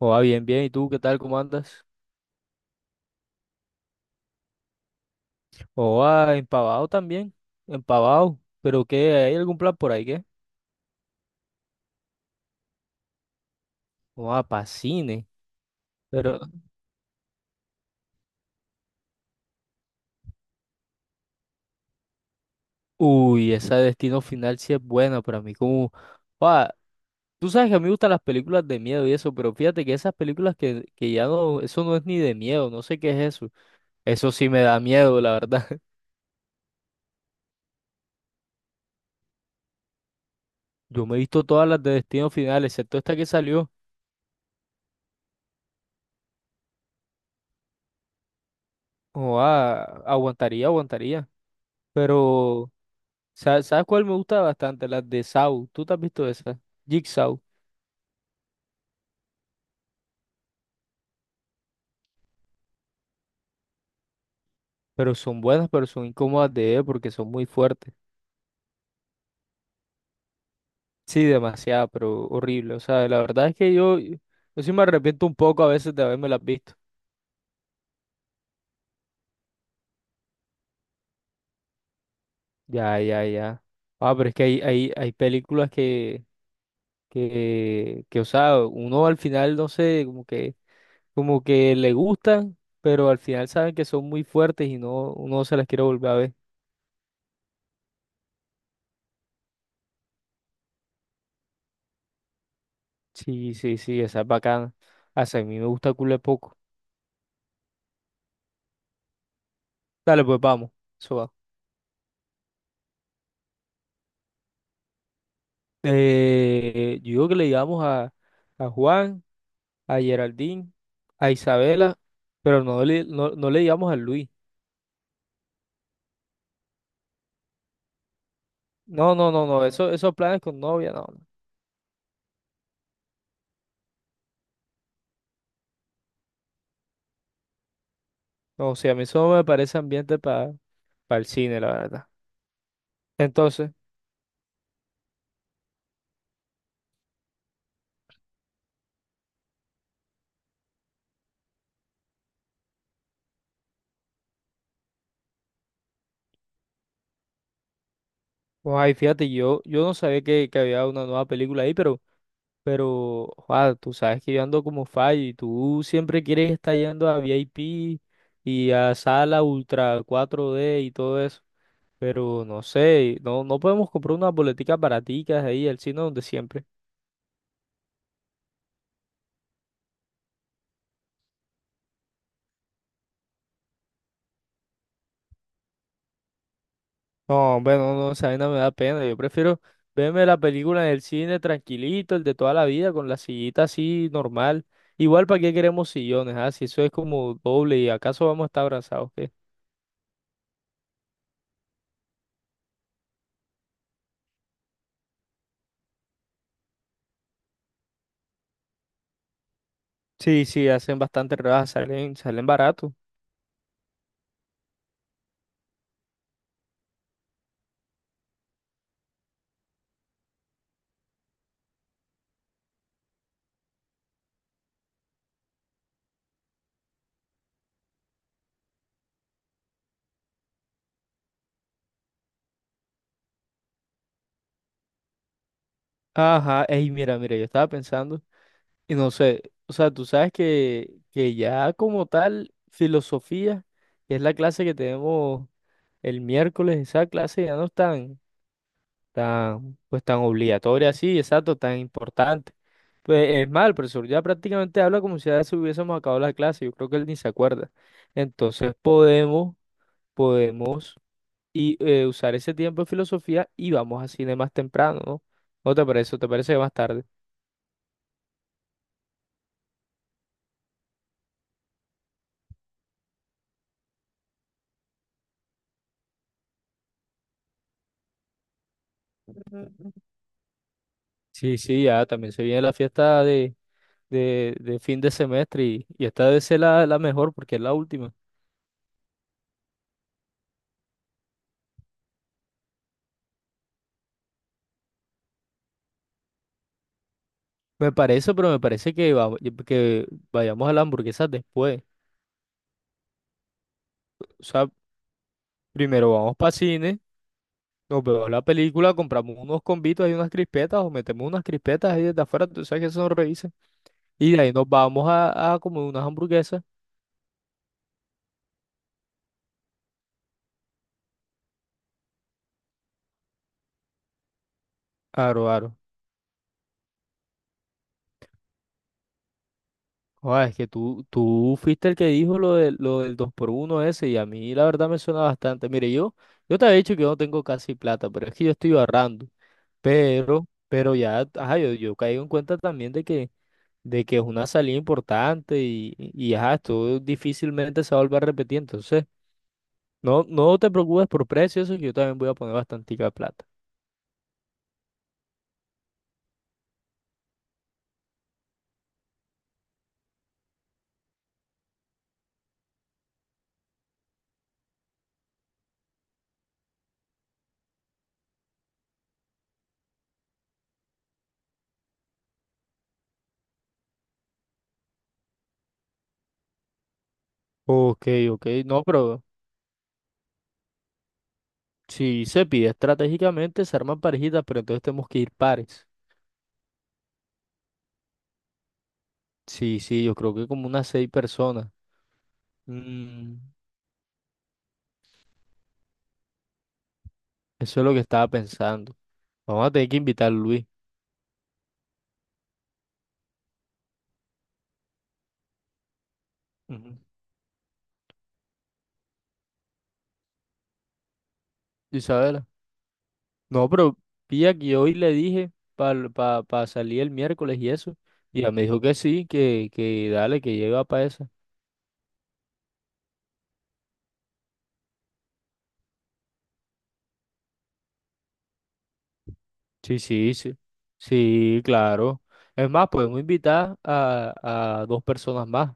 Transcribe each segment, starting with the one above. Oa, bien, bien. ¿Y tú qué tal? ¿Cómo andas? Oa, empavado también. Empavado. ¿Pero qué? ¿Hay algún plan por ahí, qué? Oa, pa' cine. Pero, uy, esa Destino Final sí es buena para mí. Como, oa, tú sabes que a mí me gustan las películas de miedo y eso, pero fíjate que esas películas que ya no, eso no es ni de miedo, no sé qué es eso. Eso sí me da miedo, la verdad. Yo me he visto todas las de Destino Final, excepto esta que salió. Oa, aguantaría, aguantaría. Pero. ¿Sabes cuál me gusta bastante? Las de Saw. ¿Tú te has visto esas? Jigsaw. Pero son buenas, pero son incómodas de ver porque son muy fuertes. Sí, demasiado, pero horrible. O sea, la verdad es que yo sí me arrepiento un poco a veces de haberme las visto. Ya, ya, ya. Ah, pero es que hay películas que, o sea, uno al final, no sé, como que le gustan, pero al final saben que son muy fuertes y no, uno se las quiere volver a ver. Sí, sí, sí, esa es bacana. Hasta a mí me gusta culé poco. Dale, pues vamos. Eso va. Yo digo que le digamos a Juan, a Geraldine, a Isabela, pero no le digamos a Luis. No, no, no, no. Eso, esos planes con novia, no. No, o sea, a mí eso no me parece ambiente para el cine, la verdad. Entonces, pues ahí fíjate, yo no sabía que había una nueva película ahí, pero, Juan, tú sabes que yo ando como fallo y tú siempre quieres estar yendo a VIP y a sala ultra 4D y todo eso. Pero no sé, no podemos comprar unas boleticas baraticas ahí al cine donde siempre. No, bueno, no, no, esa vaina me da pena. Yo prefiero verme la película en el cine tranquilito, el de toda la vida, con la sillita así normal. Igual, ¿para qué queremos sillones? Ah, si eso es como doble y acaso vamos a estar abrazados, ¿qué? Sí, sí, hacen bastante rebajas, salen, salen baratos. Ajá, ey, mira, mira, yo estaba pensando. Y no sé, o sea, tú sabes que ya como tal, filosofía, que es la clase que tenemos el miércoles, esa clase ya no es pues tan obligatoria así, exacto, tan importante. Pues es mal, el profesor ya prácticamente habla como si ya se hubiésemos acabado la clase, yo creo que él ni se acuerda. Entonces podemos usar ese tiempo de filosofía y vamos a cine más temprano, ¿no? ¿No te parece? ¿O te parece que más tarde? Sí, sí, ya también se viene la fiesta de fin de semestre y esta debe ser la, la mejor porque es la última. Me parece, pero me parece que vayamos a las hamburguesas después. O sea, primero vamos para cine, nos vemos la película, compramos unos combitos y unas crispetas o metemos unas crispetas ahí desde afuera, tú sabes que eso nos revisa. Y de ahí nos vamos a comer unas hamburguesas. Aro, aro. Joder, es que tú fuiste el que dijo lo del dos por uno ese y a mí la verdad me suena bastante. Mire, yo te había dicho que yo no tengo casi plata, pero es que yo estoy ahorrando. Pero ya, ajá, yo caigo en cuenta también de que es una salida importante y ajá, esto difícilmente se va a volver a repetir. Entonces, no te preocupes por precios, eso que yo también voy a poner bastantica plata. Ok, ok, no, pero si se pide estratégicamente, se arman parejitas, pero entonces tenemos que ir pares. Sí, sí, yo creo que como unas seis personas. Mm, eso es lo que estaba pensando. Vamos a tener que invitar a Luis. Ujú. Isabela. No, pero pilla que hoy le dije para pa, pa salir el miércoles y eso. Y ya me dijo que sí, que dale, que llega para esa. Sí, sí, sí. Sí, claro. Es más, podemos invitar a dos personas más.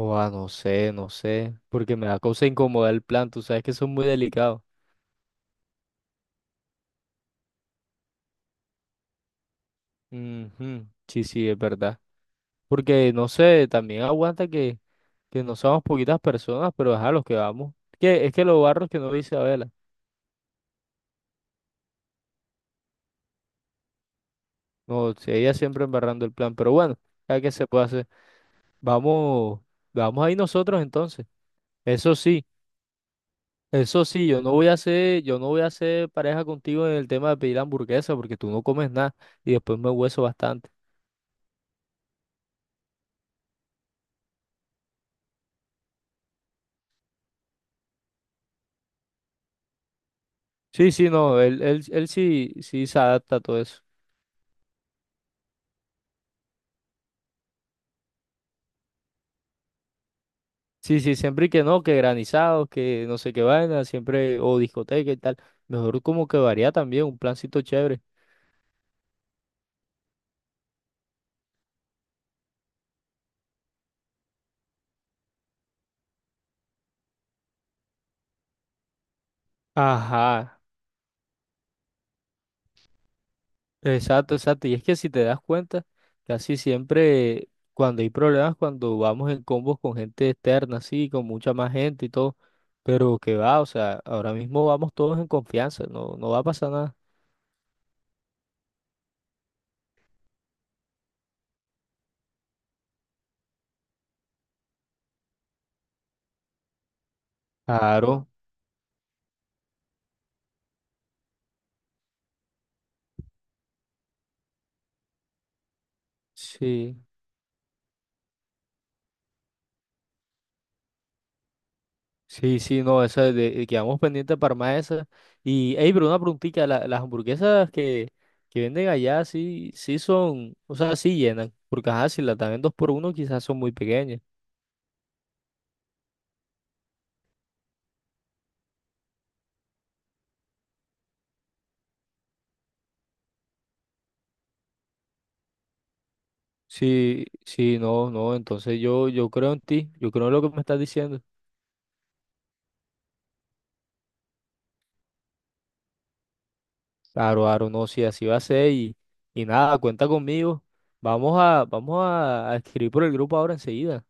O a no sé, no sé. Porque me da cosa incomodar el plan. Tú sabes que son muy delicados. Ujú. Sí, sí, es verdad. Porque no sé, también aguanta que no somos poquitas personas, pero ajá, los que vamos. Que, es que lo barro es que no dice Abela. No, sí, ella siempre embarrando el plan, pero bueno, ya que se puede hacer, vamos, vamos ahí nosotros entonces. Eso sí, eso sí, yo no voy a hacer pareja contigo en el tema de pedir hamburguesa porque tú no comes nada y después me hueso bastante. Sí, sí, no, él sí, sí se adapta a todo eso. Sí, sí, siempre y que no, que granizados, que no sé qué vaina, siempre, o discoteca y tal. Mejor como que varía también, un plancito chévere. Ajá. Exacto, exacto. Y es que si te das cuenta, casi siempre cuando hay problemas, cuando vamos en combos con gente externa, así, con mucha más gente y todo, pero que va, o sea, ahora mismo vamos todos en confianza, no, no va a pasar nada. Claro, sí, sí, sí, no, esa quedamos pendientes para más esa. Y, hey, pero una preguntita, las hamburguesas que venden allá, sí, sí son, o sea, sí llenan, porque ajá, si las dan en dos por uno, quizás son muy pequeñas. Sí, sí, no, no, entonces yo creo en ti, yo creo en lo que me estás diciendo. Claro, claro, no, sí, así va a ser y nada, cuenta conmigo. A escribir por el grupo ahora enseguida.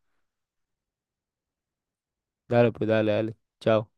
Dale, pues dale, dale. Chao.